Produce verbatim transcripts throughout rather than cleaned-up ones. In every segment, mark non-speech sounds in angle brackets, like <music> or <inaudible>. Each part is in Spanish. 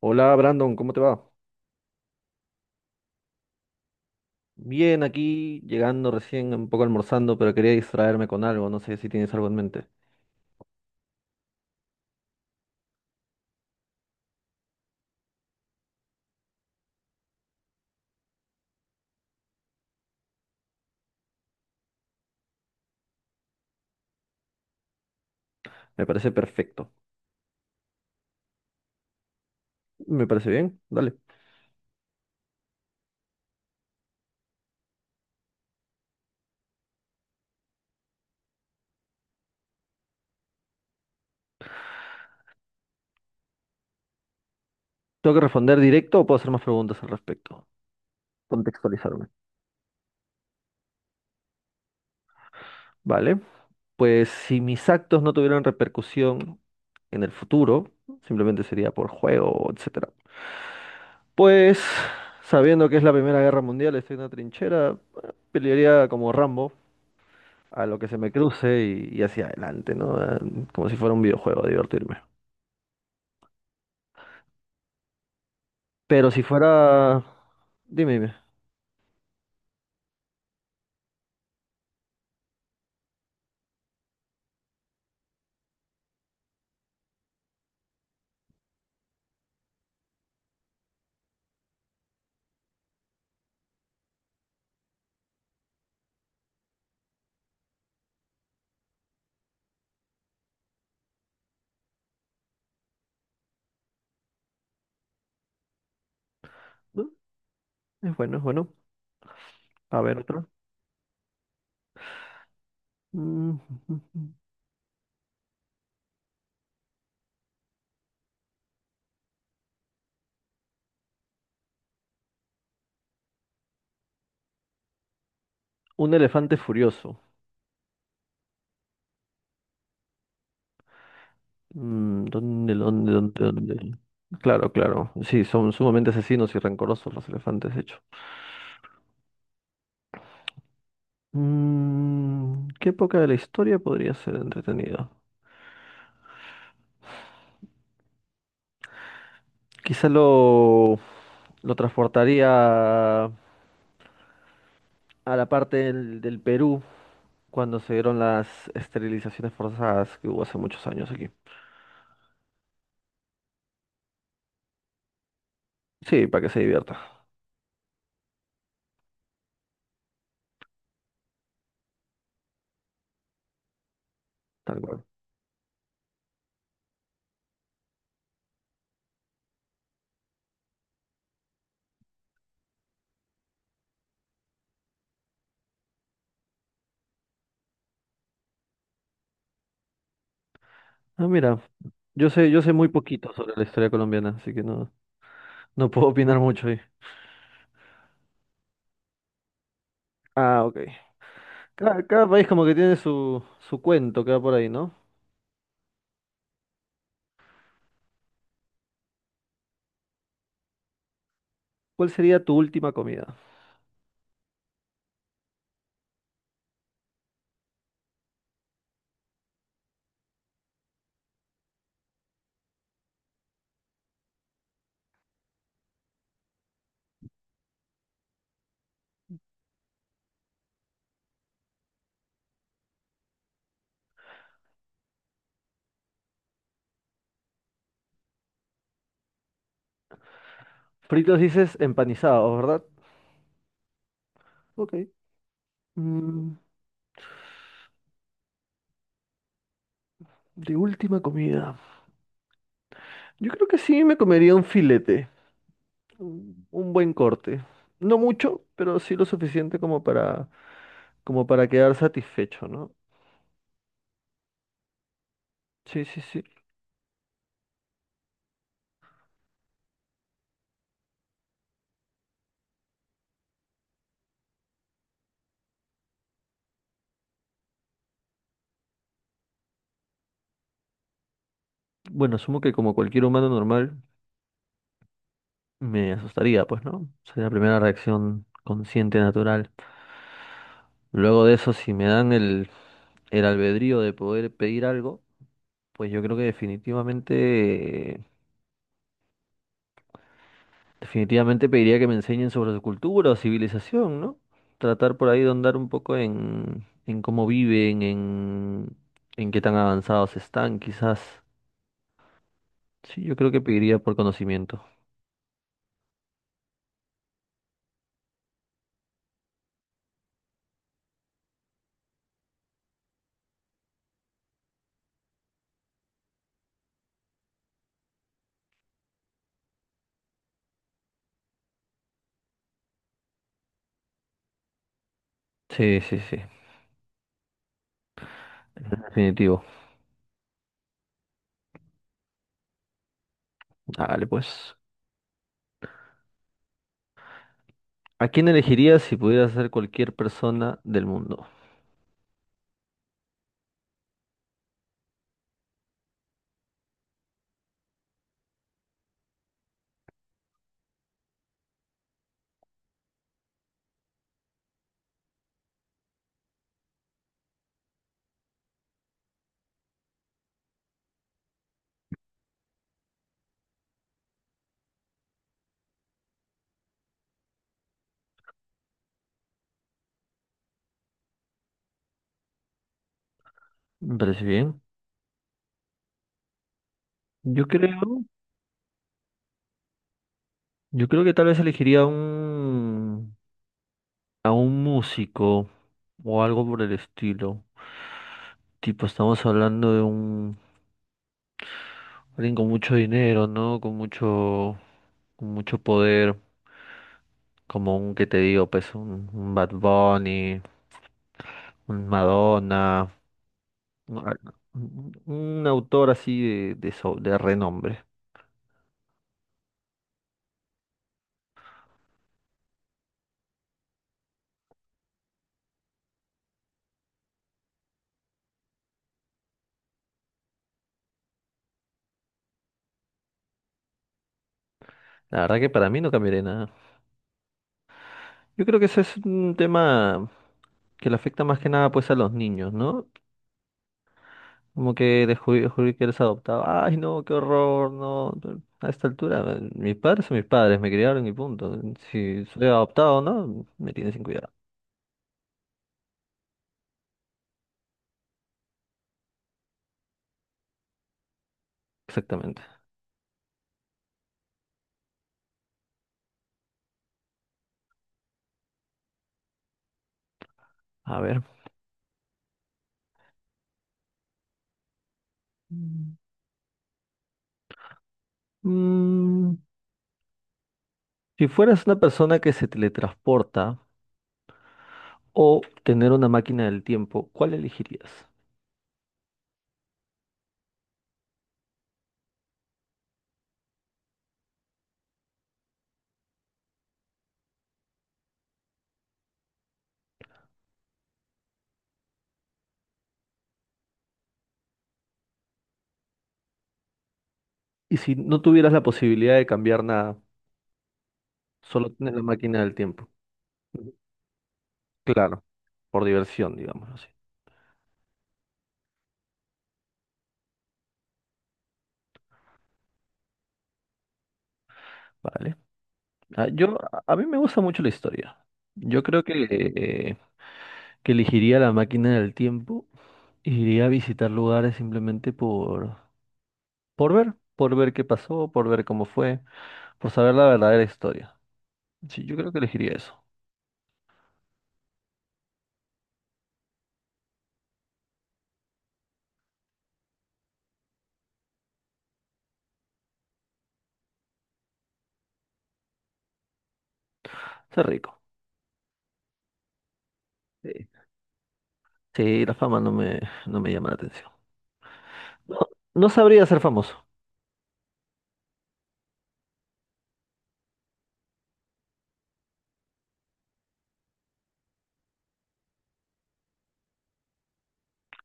Hola Brandon, ¿cómo te va? Bien, aquí llegando recién, un poco almorzando, pero quería distraerme con algo, no sé si tienes algo en mente. Me parece perfecto. Me parece bien, dale. ¿Tengo que responder directo o puedo hacer más preguntas al respecto? Contextualizarme. Vale, pues si mis actos no tuvieran repercusión en el futuro, simplemente sería por juego, etcétera. Pues, sabiendo que es la Primera Guerra Mundial, estoy en una trinchera, pelearía como Rambo a lo que se me cruce y, y hacia adelante, ¿no? Ah, como si fuera un videojuego, a divertirme. Pero si fuera... Dime, dime. No, es bueno, es bueno. A ver, otro. Mm, <laughs> un elefante furioso. Mm, ¿dónde, dónde, dónde, dónde? Claro, claro. Sí, son sumamente asesinos y rencorosos los elefantes, de hecho. Mm, ¿qué época de la historia podría ser entretenida? Quizá lo, lo transportaría a la parte del, del Perú cuando se dieron las esterilizaciones forzadas que hubo hace muchos años aquí. Sí, para que se divierta, tal cual. Ah, mira, yo sé, yo sé muy poquito sobre la historia colombiana, así que no, no puedo opinar mucho ahí. Ah, ok. Cada, cada país como que tiene su, su cuento que va por ahí, ¿no? ¿Cuál sería tu última comida? Fritos dices empanizados, ¿verdad? Ok. Mm, de última comida. Yo creo que sí me comería un filete. Un, un buen corte. No mucho, pero sí lo suficiente como para, como para quedar satisfecho, ¿no? Sí, sí, sí. Bueno, asumo que como cualquier humano normal, me asustaría, pues, ¿no? Sería la primera reacción consciente, natural. Luego de eso, si me dan el, el albedrío de poder pedir algo, pues yo creo que definitivamente, definitivamente pediría que me enseñen sobre su cultura o civilización, ¿no? Tratar por ahí de andar un poco en, en cómo viven, en, en qué tan avanzados están, quizás. Sí, yo creo que pediría por conocimiento. Sí, sí, sí. Definitivo. Hágale pues. ¿A quién elegirías si pudieras ser cualquier persona del mundo? Me parece bien. Yo creo, yo creo que tal vez elegiría a un, a un músico o algo por el estilo. Tipo, estamos hablando de un, alguien con mucho dinero, ¿no? Con mucho, con mucho poder, como un, ¿que te digo? Pues un, un Bad Bunny, un Madonna, un, un- un autor así de, de, so- de renombre. La verdad que para mí no cambiaría nada. Yo creo que ese es un tema que le afecta más que nada pues a los niños, ¿no? Como que "descubrí que eres adoptado. Ay, no, qué horror, no, no". A esta altura, mis padres son mis padres, me criaron y punto. Si soy adoptado o no, me tienen sin cuidado. Exactamente. A ver. Mm. Mm, si fueras una persona que se teletransporta o tener una máquina del tiempo, ¿cuál elegirías? Y si no tuvieras la posibilidad de cambiar nada, solo tener la máquina del tiempo. Claro, por diversión, digamos así. Vale. Ah, yo, a a mí me gusta mucho la historia. Yo creo que, eh, que elegiría la máquina del tiempo e iría a visitar lugares simplemente por, por ver, por ver qué pasó, por ver cómo fue, por saber la verdadera historia. Sí, yo creo que elegiría eso. Ser rico. Sí, sí, la fama no me, no me llama la atención. No, no sabría ser famoso.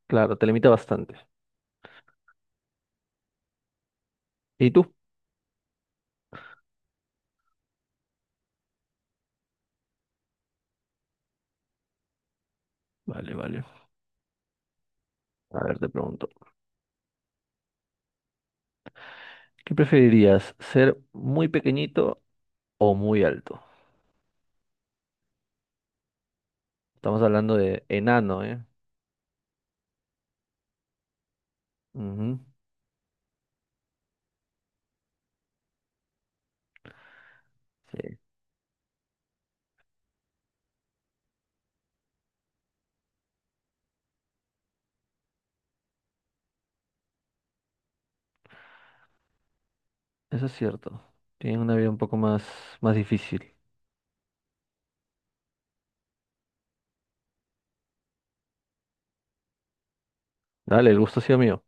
Claro, te limita bastante. ¿Y tú? Vale, vale. A ver, te pregunto. ¿Qué preferirías? ¿Ser muy pequeñito o muy alto? Estamos hablando de enano, ¿eh? Ujú, sí, eso es cierto. Tienen una vida un poco más, más difícil. Dale, el gusto ha sido mío.